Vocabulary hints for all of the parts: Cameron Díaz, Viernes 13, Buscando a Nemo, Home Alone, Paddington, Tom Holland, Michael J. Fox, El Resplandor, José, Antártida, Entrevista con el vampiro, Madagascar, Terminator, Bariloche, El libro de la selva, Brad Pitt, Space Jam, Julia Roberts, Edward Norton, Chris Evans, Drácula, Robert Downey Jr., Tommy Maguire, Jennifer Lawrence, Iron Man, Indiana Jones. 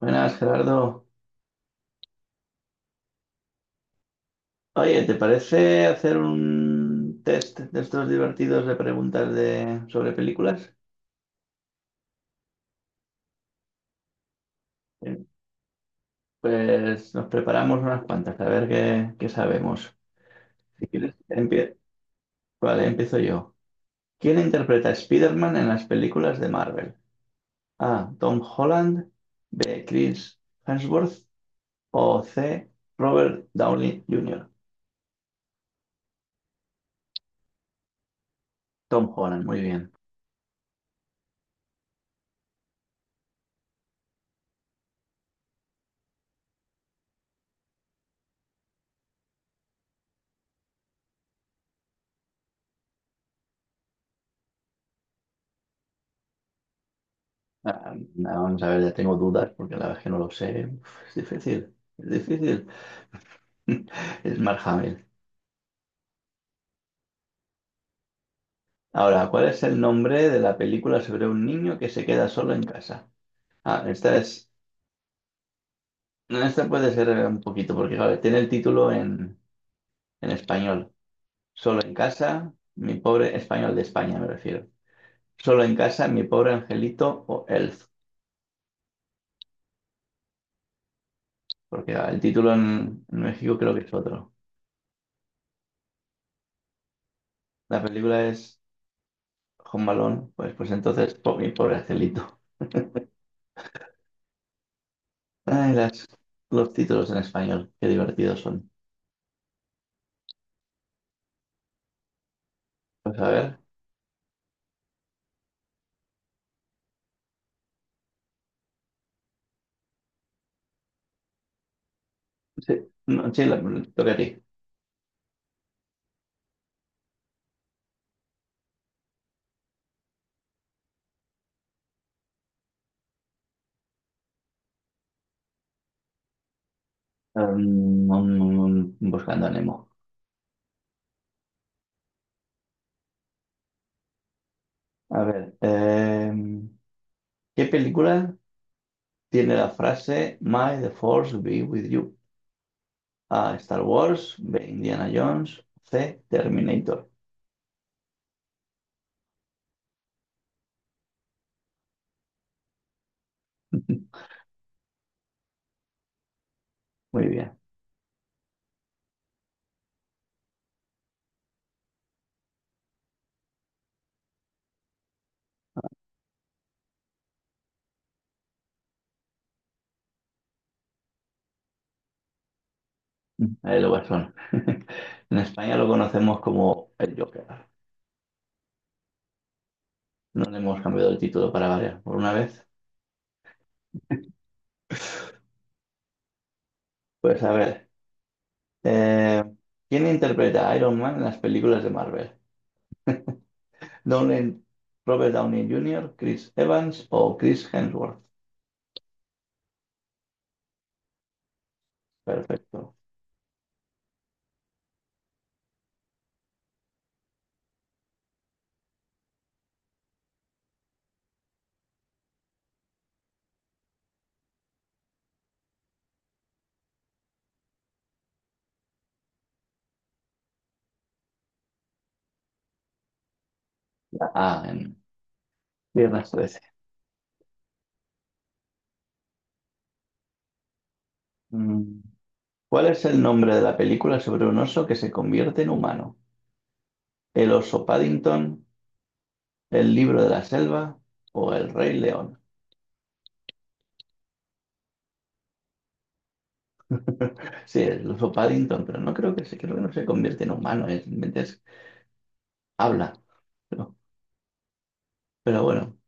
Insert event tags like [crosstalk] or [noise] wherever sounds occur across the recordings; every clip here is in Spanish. Buenas, Gerardo. Oye, ¿te parece hacer un test de estos divertidos de preguntas sobre películas? Eh, Pues nos preparamos unas cuantas, a ver qué sabemos. Si quieres, empie- Vale, empiezo yo. ¿Quién interpreta a Spider-Man en las películas de Marvel? A. Tom Holland, B. Chris Hemsworth o C. Robert Downey Jr. Tom Holland, muy bien. Nada, vamos a ver, ya tengo dudas porque la verdad es que no lo sé. Uf, es difícil, es difícil. [laughs] Es Mark. Ahora, ¿cuál es el nombre de la película sobre un niño que se queda solo en casa? Ah, esta es. No, Esta puede ser un poquito, porque claro, tiene el título en español. Solo en casa, mi pobre español de España, me refiero. Solo en casa, mi pobre angelito o Elf. Porque el título en México creo que es otro. La película es Home Alone, pues entonces, mi pobre angelito. Ay, los títulos en español, qué divertidos son. Pues a ver. Sí, no, sí, te toca a ti. Um, um, buscando a Nemo. A ver, ¿qué película tiene la frase May the Force be with you? A. Star Wars, B. Indiana Jones, C. Terminator. [laughs] Muy bien. Ahí lo guasón. [laughs] En España lo conocemos como el Joker. No le hemos cambiado el título para variar por una vez. Pues a ver, eh, ¿quién interpreta a Iron Man en las películas de Marvel? Downey, Robert Downey Jr., Chris Evans o Chris Hemsworth. Perfecto. Ah, en Viernes 13. Mm. ¿Cuál es el nombre de la película sobre un oso que se convierte en humano? ¿El oso Paddington, el libro de la selva o el Rey León? Sí, el oso Paddington, pero no creo que se, creo que no se convierte en humano, es, simplemente es- habla. Pero, pero bueno,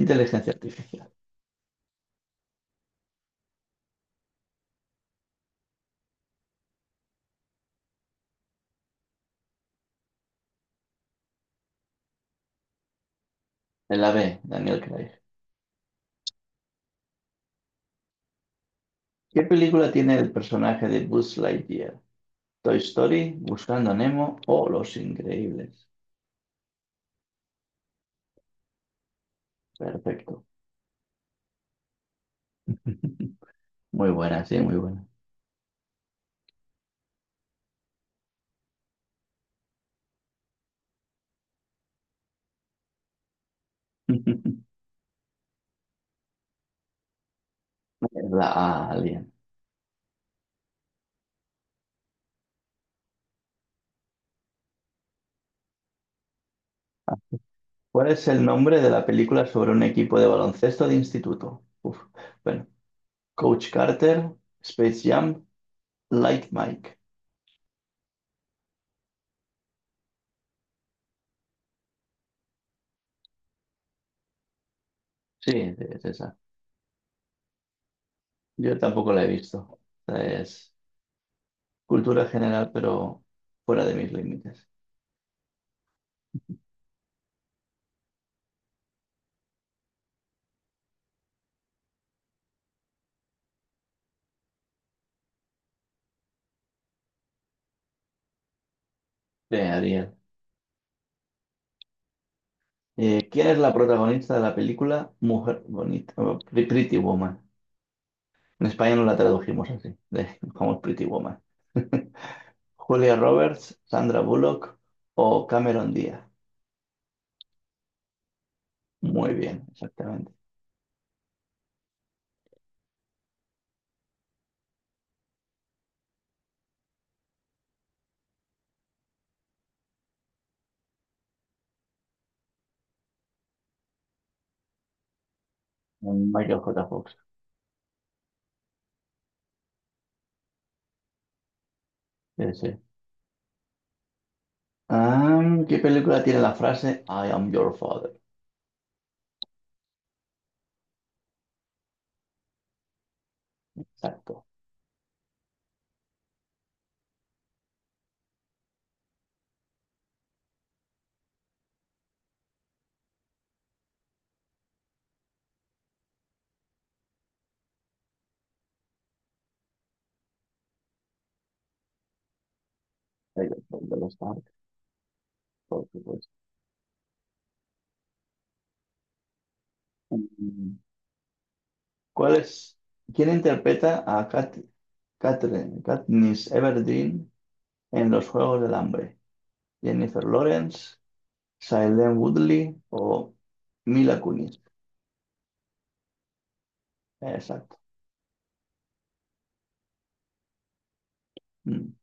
inteligencia artificial. En la B, Daniel Craig. ¿Qué película tiene el personaje de Buzz Lightyear? Toy Story, Buscando a Nemo o Los Increíbles. Perfecto. Muy buena, sí, muy buena. [laughs] La Alien. ¿Cuál es el nombre de la película sobre un equipo de baloncesto de instituto? Uf. Bueno, Coach Carter, Space Jam, Like Mike. Sí, sí, es esa. Yo tampoco la he visto. Esta es cultura general, pero fuera de mis límites. Bien, Ariel. ¿Quién es la protagonista de la película Mujer Bonita? Oh, Pretty Woman. En España no la tradujimos así, como Pretty Woman. Julia Roberts, Sandra Bullock o Cameron Díaz. Muy bien, exactamente. Michael J. Fox. Sí, sí. ¿Qué película tiene la frase I am your father? Exacto. De los Stark, por supuesto. Mm, ¿cuál es? ¿Quién interpreta a Katniss Everdeen en Los Juegos del Hambre? ¿Jennifer Lawrence, Shailene Woodley o Mila Kunis? Exacto. Mm.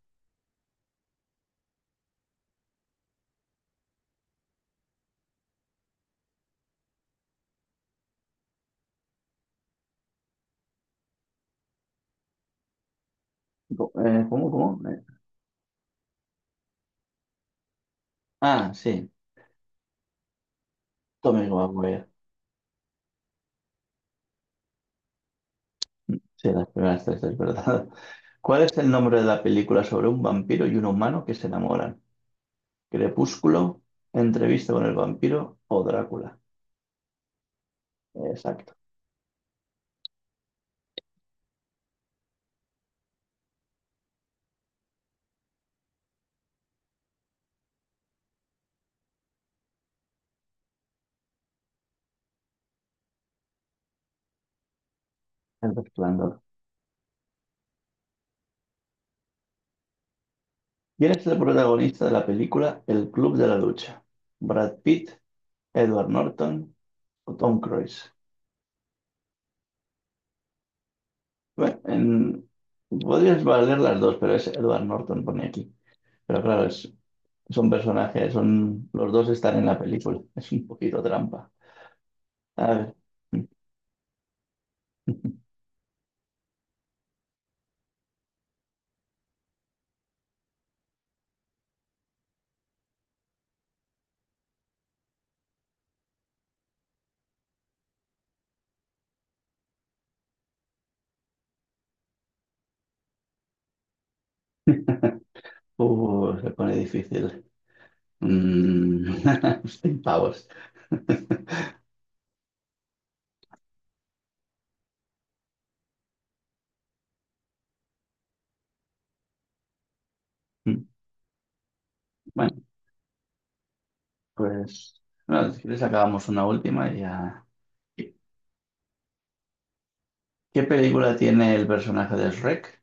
¿Cómo, cómo? Ah, sí, Tommy Maguire. Sí, las primeras tres, es verdad. [laughs] ¿Cuál es el nombre de la película sobre un vampiro y un humano que se enamoran? ¿Crepúsculo, Entrevista con el vampiro o Drácula? Exacto. El Resplandor. ¿Quién es el protagonista de la película El Club de la Lucha? ¿Brad Pitt, Edward Norton o Tom Cruise? Bueno, podrías valer las dos, pero es Edward Norton, pone aquí. Pero claro, es son personajes, los dos están en la película. Es un poquito trampa. A ver, se pone difícil. Mm. [laughs] 100 pavos. Bueno, pues bueno, si quieres acabamos una última y ya. ¿Qué película tiene el personaje de Shrek?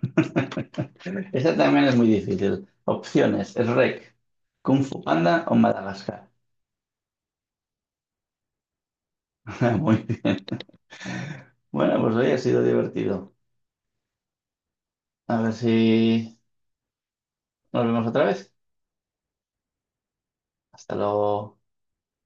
[laughs] Esa también es muy difícil. Opciones, Shrek, Kung Fu Panda o Madagascar. [laughs] Muy bien. Bueno, pues hoy ha sido divertido. A ver si nos vemos otra vez. Hasta luego.